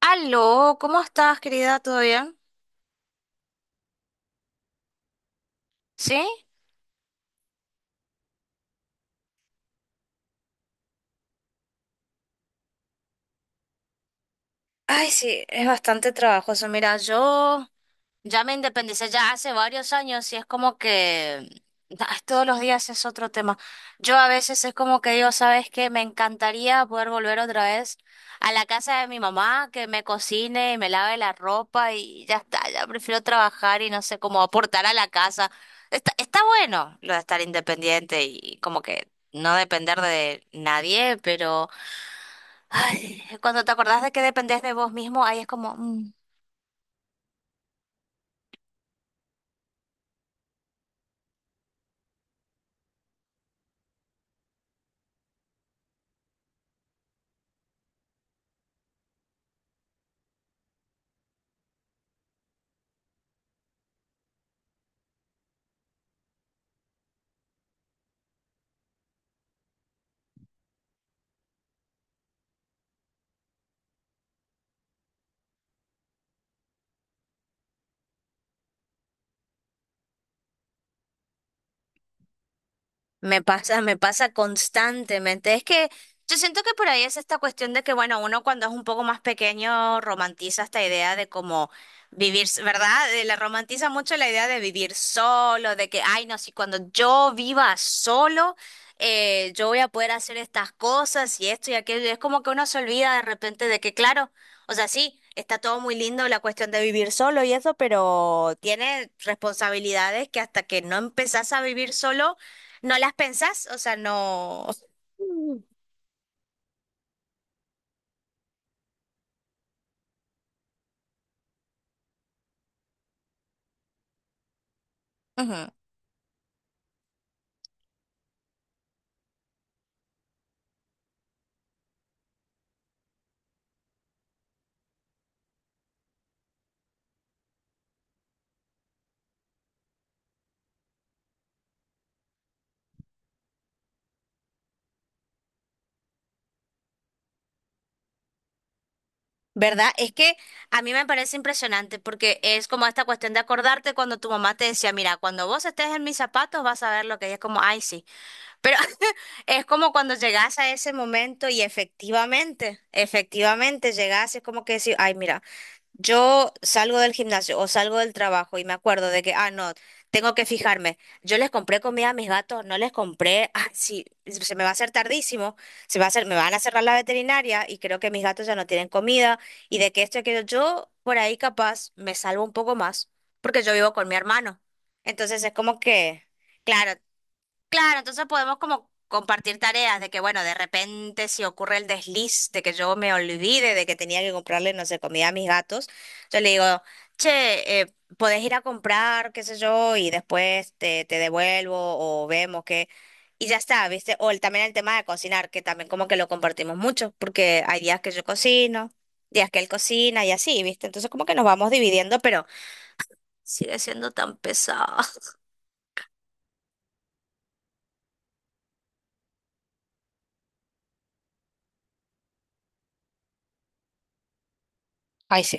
Aló, ¿cómo estás, querida? ¿Todo bien? ¿Sí? Ay, sí, es bastante trabajoso. Mira, yo ya me independicé ya hace varios años y es como que ay, todos los días es otro tema. Yo a veces es como que digo, ¿sabes qué? Me encantaría poder volver otra vez a la casa de mi mamá, que me cocine y me lave la ropa y ya está. Ya prefiero trabajar y no sé cómo aportar a la casa. Está bueno lo de estar independiente y como que no depender de nadie, pero... Ay, cuando te acordás de que dependés de vos mismo, ahí es como. Me pasa constantemente. Es que yo siento que por ahí es esta cuestión de que, bueno, uno cuando es un poco más pequeño romantiza esta idea de cómo vivir, ¿verdad? Le romantiza mucho la idea de vivir solo, de que, ay, no, si cuando yo viva solo, yo voy a poder hacer estas cosas y esto y aquello. Y es como que uno se olvida de repente de que, claro, o sea, sí, está todo muy lindo la cuestión de vivir solo y eso, pero tiene responsabilidades que hasta que no empezás a vivir solo, no las pensás, o sea, no. Mm. Ajá. ¿Verdad? Es que a mí me parece impresionante porque es como esta cuestión de acordarte cuando tu mamá te decía, mira, cuando vos estés en mis zapatos vas a ver lo que ella es como, ay, sí. Pero es como cuando llegás a ese momento y efectivamente llegás, y es como que decís, ay, mira. Yo salgo del gimnasio o salgo del trabajo y me acuerdo de que, ah, no, tengo que fijarme. Yo les compré comida a mis gatos, no les compré, ah, sí, se me va a hacer tardísimo, se me va a hacer, me van a cerrar la veterinaria y creo que mis gatos ya no tienen comida y de que esto y aquello. Yo por ahí capaz me salvo un poco más porque yo vivo con mi hermano. Entonces es como que, claro. Claro, entonces podemos como compartir tareas de que, bueno, de repente si ocurre el desliz de que yo me olvide de que tenía que comprarle, no sé, comida a mis gatos, yo le digo, che, podés ir a comprar, qué sé yo, y después te devuelvo o vemos qué. Y ya está, ¿viste? O el, también el tema de cocinar, que también como que lo compartimos mucho, porque hay días que yo cocino, días que él cocina y así, ¿viste? Entonces como que nos vamos dividiendo, pero sigue siendo tan pesado. Ay, sí.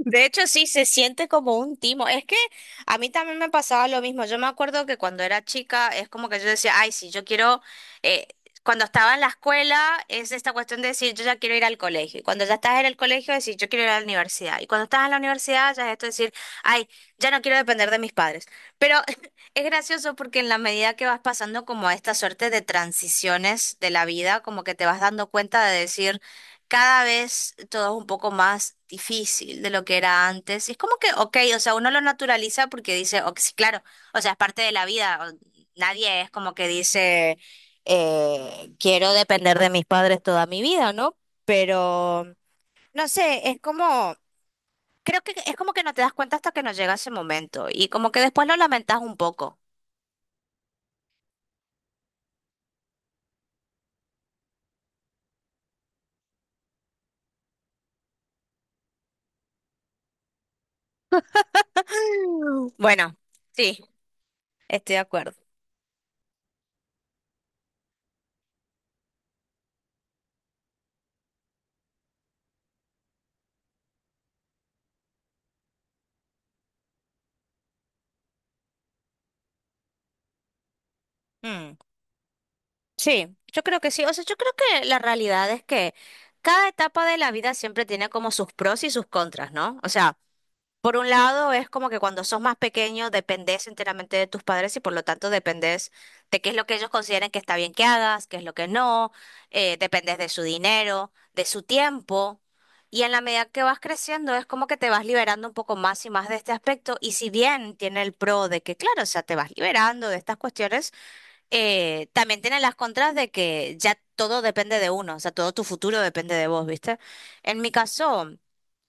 De hecho, sí, se siente como un timo. Es que a mí también me pasaba lo mismo. Yo me acuerdo que cuando era chica es como que yo decía, ay, sí, yo quiero, eh, cuando estaba en la escuela es esta cuestión de decir, yo ya quiero ir al colegio. Y cuando ya estás en el colegio, decir, yo quiero ir a la universidad. Y cuando estás en la universidad, ya es esto de decir, ay, ya no quiero depender de mis padres. Pero es gracioso porque en la medida que vas pasando como esta suerte de transiciones de la vida, como que te vas dando cuenta de decir cada vez todo es un poco más difícil de lo que era antes. Y es como que, ok, o sea, uno lo naturaliza porque dice, ok, sí, claro, o sea, es parte de la vida. Nadie es como que dice, quiero depender de mis padres toda mi vida, ¿no? Pero, no sé, es como, creo que es como que no te das cuenta hasta que no llega ese momento y como que después lo lamentas un poco. Bueno, sí, estoy de acuerdo. Mm. Sí, yo creo que sí. O sea, yo creo que la realidad es que cada etapa de la vida siempre tiene como sus pros y sus contras, ¿no? O sea, por un lado es como que cuando sos más pequeño dependés enteramente de tus padres y por lo tanto dependés de qué es lo que ellos consideren que está bien que hagas, qué es lo que no, dependés de su dinero, de su tiempo. Y en la medida que vas creciendo es como que te vas liberando un poco más y más de este aspecto. Y si bien tiene el pro de que, claro, o sea, te vas liberando de estas cuestiones también tiene las contras de que ya todo depende de uno, o sea, todo tu futuro depende de vos, ¿viste? En mi caso,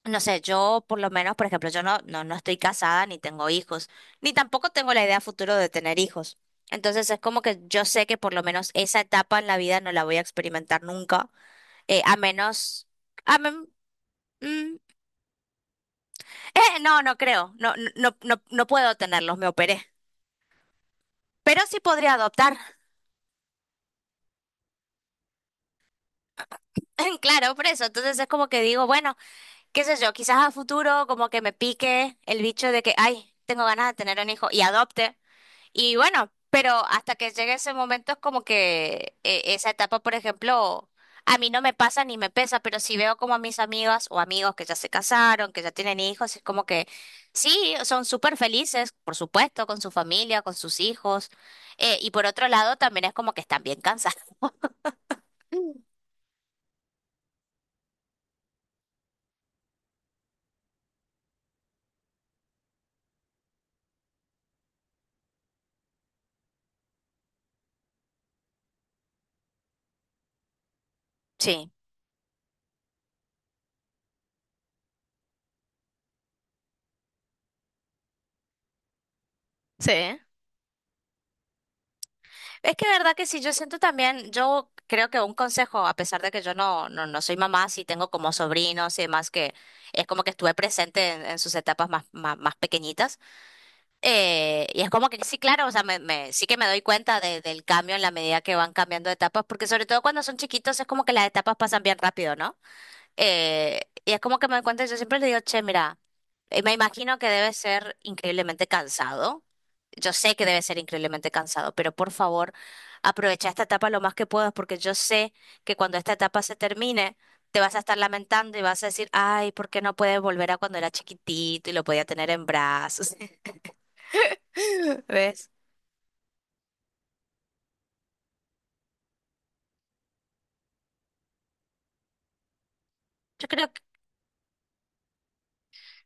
no sé, yo por lo menos, por ejemplo, yo no estoy casada ni tengo hijos, ni tampoco tengo la idea futuro de tener hijos. Entonces es como que yo sé que por lo menos esa etapa en la vida no la voy a experimentar nunca, a menos... A men- mm, no, no creo, no, no, no, no puedo tenerlos, me operé. Pero sí podría adoptar, claro, por eso. Entonces es como que digo, bueno. Qué sé yo, quizás a futuro como que me pique el bicho de que, ay, tengo ganas de tener un hijo y adopte. Y bueno, pero hasta que llegue ese momento es como que esa etapa, por ejemplo, a mí no me pasa ni me pesa, pero si veo como a mis amigas o amigos que ya se casaron, que ya tienen hijos, es como que sí, son súper felices, por supuesto, con su familia, con sus hijos. Y por otro lado, también es como que están bien cansados. Sí. Sí. Es que verdad que sí, yo siento también, yo creo que un consejo, a pesar de que yo no soy mamá, sí tengo como sobrinos y demás, que es como que estuve presente en sus etapas más, más, más pequeñitas. Y es como que sí, claro, o sea, sí que me doy cuenta del cambio en la medida que van cambiando de etapas, porque sobre todo cuando son chiquitos es como que las etapas pasan bien rápido, ¿no? Y es como que me cuenta, yo siempre le digo, che, mira, me imagino que debe ser increíblemente cansado. Yo sé que debe ser increíblemente cansado, pero por favor, aprovecha esta etapa lo más que puedas, porque yo sé que cuando esta etapa se termine, te vas a estar lamentando y vas a decir, ay, ¿por qué no puedes volver a cuando era chiquitito y lo podía tener en brazos? ¿Ves? Yo creo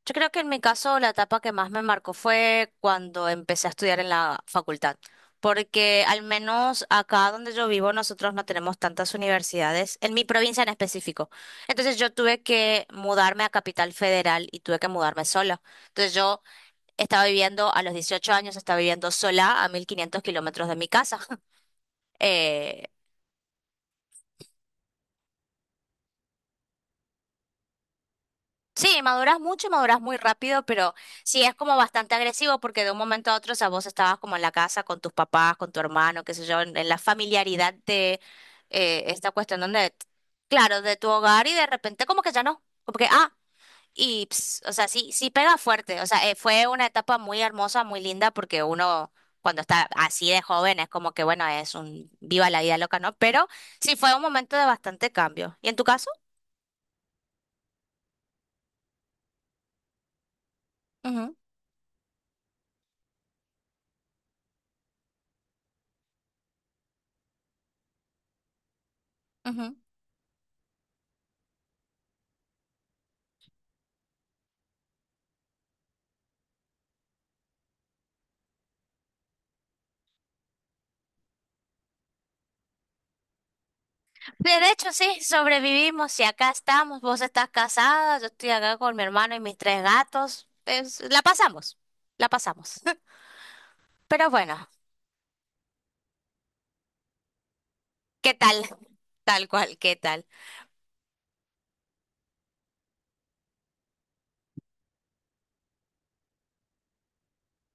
Yo creo que en mi caso la etapa que más me marcó fue cuando empecé a estudiar en la facultad, porque al menos acá donde yo vivo nosotros no tenemos tantas universidades, en mi provincia en específico. Entonces yo tuve que mudarme a Capital Federal y tuve que mudarme sola. Entonces yo estaba viviendo a los 18 años, estaba viviendo sola a 1.500 kilómetros de mi casa. Sí, maduras mucho, maduras muy rápido, pero sí es como bastante agresivo porque de un momento a otro, o sea, vos estabas como en la casa con tus papás, con tu hermano, qué sé yo, en la familiaridad de esta cuestión donde, claro, de tu hogar y de repente como que ya no, como que, ah, y, ps, o sea, sí, sí pega fuerte, o sea, fue una etapa muy hermosa, muy linda porque uno cuando está así de joven es como que, bueno, es un viva la vida loca, ¿no? Pero sí fue un momento de bastante cambio. ¿Y en tu caso? Ujú, ujú. Sí, de hecho, sí, sobrevivimos y acá estamos. Vos estás casada, yo estoy acá con mi hermano y mis tres gatos. La pasamos, la pasamos. Pero bueno, ¿qué tal? Tal cual, ¿qué tal?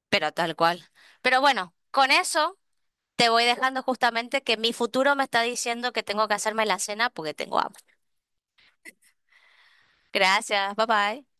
Pero tal cual. Pero bueno, con eso te voy dejando justamente que mi futuro me está diciendo que tengo que hacerme la cena porque tengo hambre. Gracias, bye bye.